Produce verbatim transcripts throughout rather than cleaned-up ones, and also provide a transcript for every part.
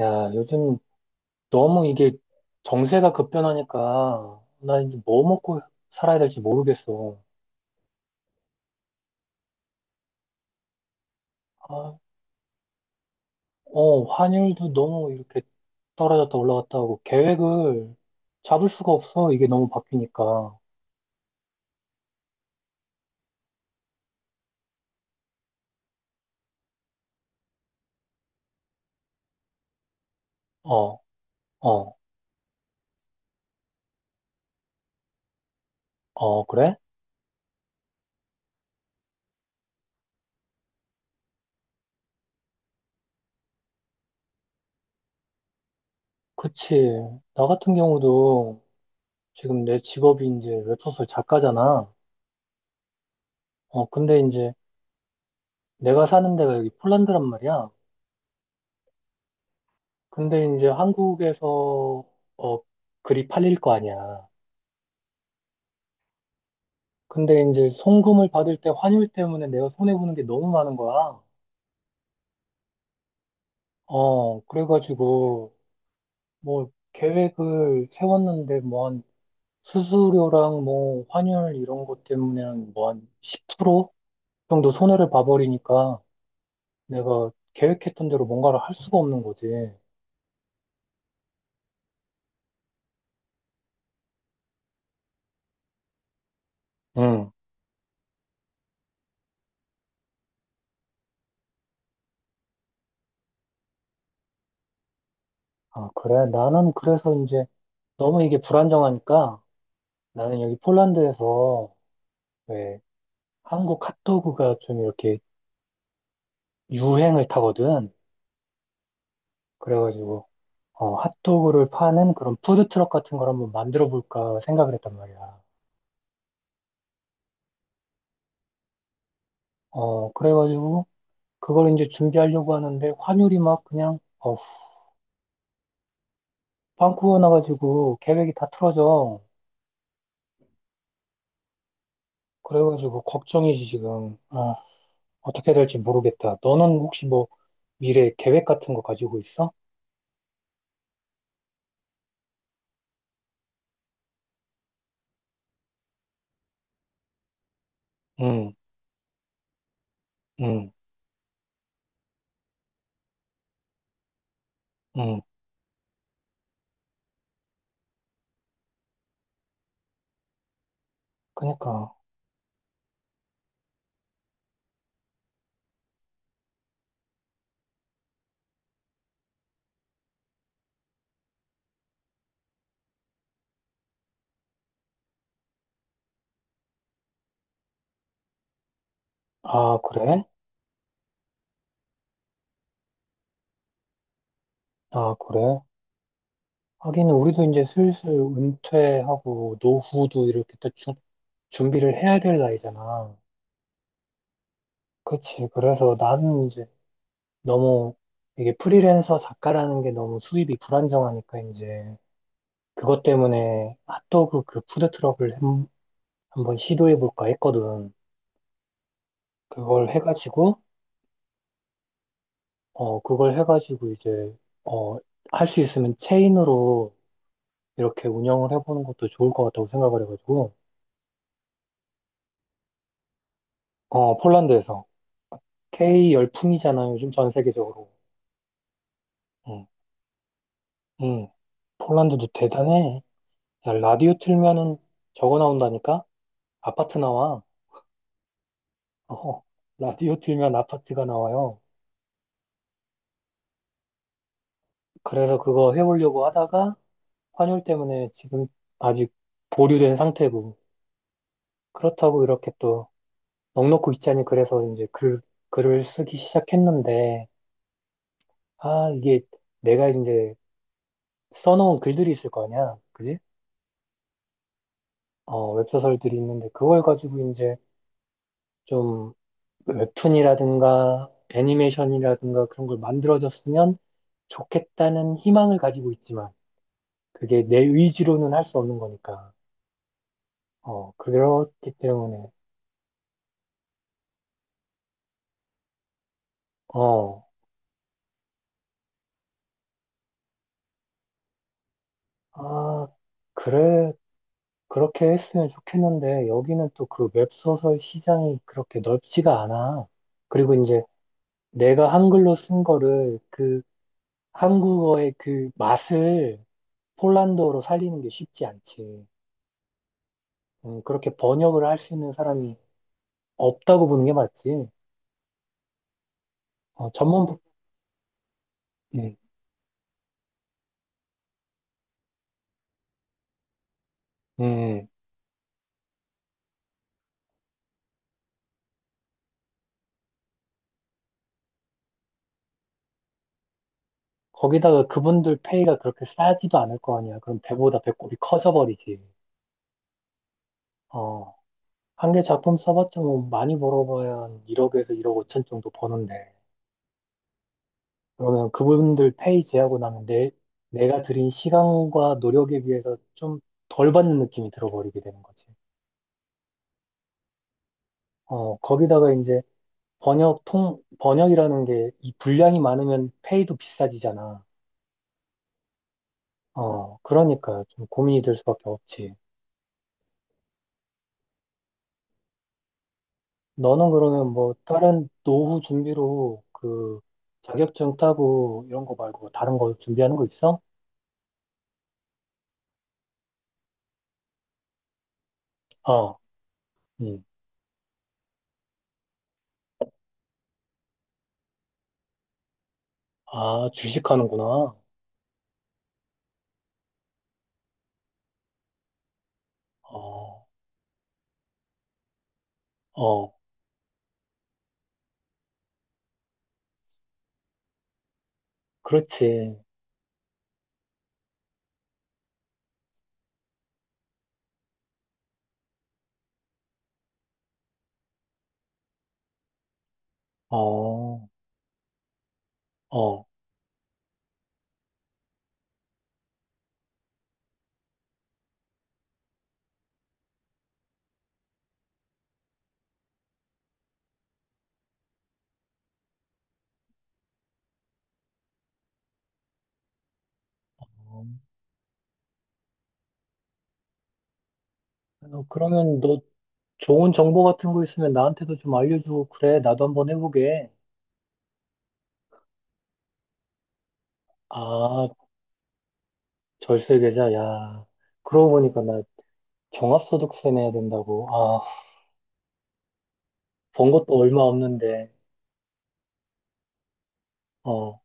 야, 요즘 너무 이게 정세가 급변하니까 나 이제 뭐 먹고 살아야 될지 모르겠어. 아, 어, 환율도 너무 이렇게 떨어졌다 올라갔다 하고 계획을 잡을 수가 없어. 이게 너무 바뀌니까. 어, 어, 어, 그래? 그치. 나 같은 경우도 지금 내 직업이 이제 웹소설 작가잖아. 어, 근데 이제 내가 사는 데가 여기 폴란드란 말이야. 근데 이제 한국에서 어, 글이 팔릴 거 아니야. 근데 이제 송금을 받을 때 환율 때문에 내가 손해보는 게 너무 많은 거야. 어, 그래가지고, 뭐, 계획을 세웠는데, 뭐, 한, 수수료랑 뭐, 환율 이런 것 때문에 한, 뭐, 한 십 프로 정도 손해를 봐버리니까 내가 계획했던 대로 뭔가를 할 수가 없는 거지. 응. 아, 그래. 나는 그래서 이제 너무 이게 불안정하니까 나는 여기 폴란드에서 왜 한국 핫도그가 좀 이렇게 유행을 타거든. 그래가지고, 어, 핫도그를 파는 그런 푸드트럭 같은 걸 한번 만들어 볼까 생각을 했단 말이야. 어, 그래가지고 그걸 이제 준비하려고 하는데 환율이 막 그냥 어, 빵꾸가 나가지고 계획이 다 틀어져. 그래가지고 걱정이지 지금. 아, 어떻게 해야 될지 모르겠다. 너는 혹시 뭐 미래 계획 같은 거 가지고 있어? 응, 응, 응. 그니까. 아, 그래? 아, 그래? 하긴 우리도 이제 슬슬 은퇴하고 노후도 이렇게 또 주- 준비를 해야 될 나이잖아. 그치. 그래서 나는 이제 너무 이게 프리랜서 작가라는 게 너무 수입이 불안정하니까 이제 그것 때문에 핫도그 그 푸드트럭을 한- 한번 시도해 볼까 했거든. 그걸 해가지고, 어, 그걸 해가지고 이제, 어, 할 수 있으면 체인으로 이렇게 운영을 해보는 것도 좋을 것 같다고 생각을 해가지고, 어, 폴란드에서. K 열풍이잖아, 요즘 전 세계적으로. 응, 응. 폴란드도 대단해. 야, 라디오 틀면은 적어 나온다니까? 아파트 나와. 어, 라디오 틀면 아파트가 나와요. 그래서 그거 해보려고 하다가 환율 때문에 지금 아직 보류된 상태고 그렇다고 이렇게 또 넋놓고 있자니 그래서 이제 글, 글을 쓰기 시작했는데 아 이게 내가 이제 써놓은 글들이 있을 거 아니야. 그지? 어, 웹소설들이 있는데 그걸 가지고 이제 좀 웹툰이라든가 애니메이션이라든가 그런 걸 만들어졌으면 좋겠다는 희망을 가지고 있지만 그게 내 의지로는 할 수 없는 거니까. 어, 그렇기 때문에, 어, 아, 그래, 그렇게 했으면 좋겠는데, 여기는 또 그 웹소설 시장이 그렇게 넓지가 않아. 그리고 이제 내가 한글로 쓴 거를 그 한국어의 그 맛을 폴란드어로 살리는 게 쉽지 않지. 음, 그렇게 번역을 할 수 있는 사람이 없다고 보는 게 맞지. 어, 전문, 부- 음, 음. 거기다가 그분들 페이가 그렇게 싸지도 않을 거 아니야. 그럼 배보다 배꼽이 커져버리지. 어, 한 개 작품 써봤자 뭐 많이 벌어봐야 한 일억에서 일억 오천 정도 버는데. 그러면 그분들 페이 제하고 나면 내, 내가 들인 시간과 노력에 비해서 좀 덜 받는 느낌이 들어버리게 되는 거지. 어, 거기다가 이제 번역 통, 번역이라는 게 이 분량이 많으면 페이도 비싸지잖아. 어, 그러니까 좀 고민이 될 수밖에 없지. 너는 그러면 뭐 다른 노후 준비로 그 자격증 따고 이런 거 말고 다른 거 준비하는 거 있어? 어, 음. 아, 주식하는구나. 어, 어, 그렇지. 어, 어. 어, 그러면 너 좋은 정보 같은 거 있으면 나한테도 좀 알려주고 그래. 나도 한번 해보게. 아, 절세 계좌. 야, 그러고 보니까 나 종합소득세 내야 된다고. 아, 번 것도 얼마 없는데. 어,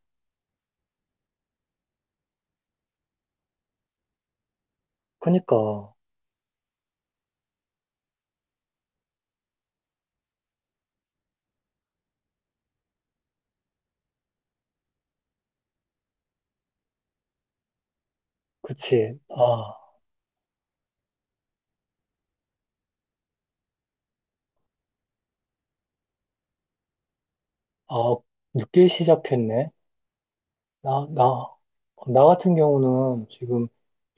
그니까. 그치. 아, 아, 늦게 시작했네. 나, 나, 나 같은 경우는 지금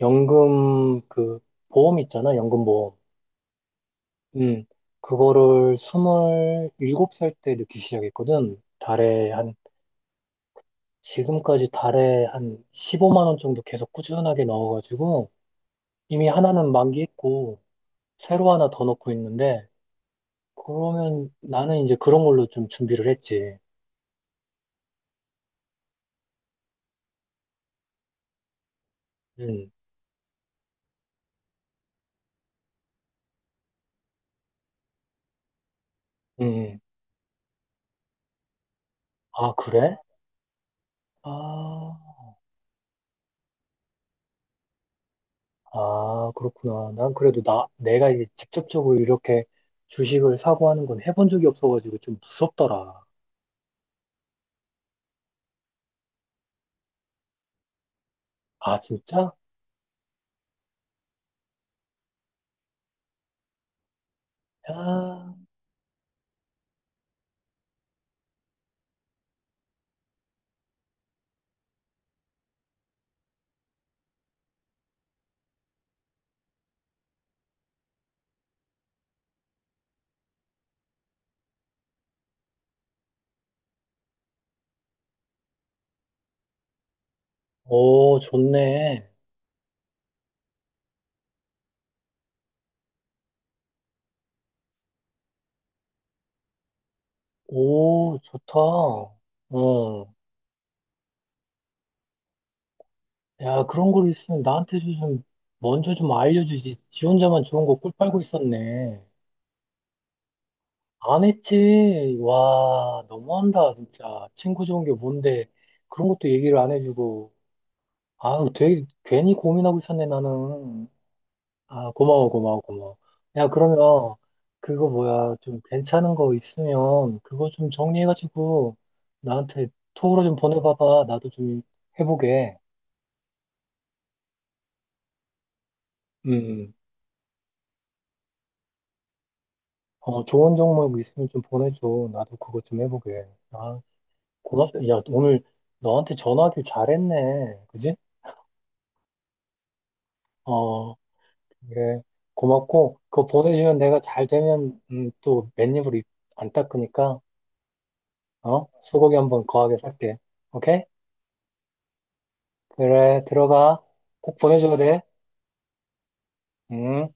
연금 그 보험 있잖아, 연금보험. 음, 그거를 스물일곱 살 때 늦게 시작했거든. 달에 한, 지금까지 달에 한 십오만 원 정도 계속 꾸준하게 넣어가지고 이미 하나는 만기했고 새로 하나 더 넣고 있는데 그러면 나는 이제 그런 걸로 좀 준비를 했지. 음, 음. 음. 아, 그래? 아. 아, 그렇구나. 난 그래도 나, 내가 이제 직접적으로 이렇게 주식을 사고 하는 건 해본 적이 없어가지고 좀 무섭더라. 아, 진짜? 야, 오, 좋네. 오, 좋다. 어, 야, 그런 걸 있으면 나한테 좀 먼저 좀 알려주지. 지 혼자만 좋은 거 꿀 빨고 있었네. 안 했지. 와, 너무한다, 진짜. 친구 좋은 게 뭔데. 그런 것도 얘기를 안 해주고. 아, 되게 괜히 고민하고 있었네, 나는. 아, 고마워, 고마워, 고마워. 야, 그러면 그거 뭐야, 좀 괜찮은 거 있으면 그거 좀 정리해가지고 나한테 톡으로 좀 보내봐봐. 나도 좀 해보게. 음, 음. 어, 좋은 종목 있으면 좀 보내줘. 나도 그거 좀 해보게. 아, 고맙다. 야, 오늘 너한테 전화하길 잘했네. 그지? 어, 그래. 고맙고, 그거 보내주면 내가 잘 되면, 음, 또 맨입을 입- 안 닦으니까, 어? 소고기 한번 거하게 살게. 오케이? 그래, 들어가. 꼭 보내줘야 돼. 응.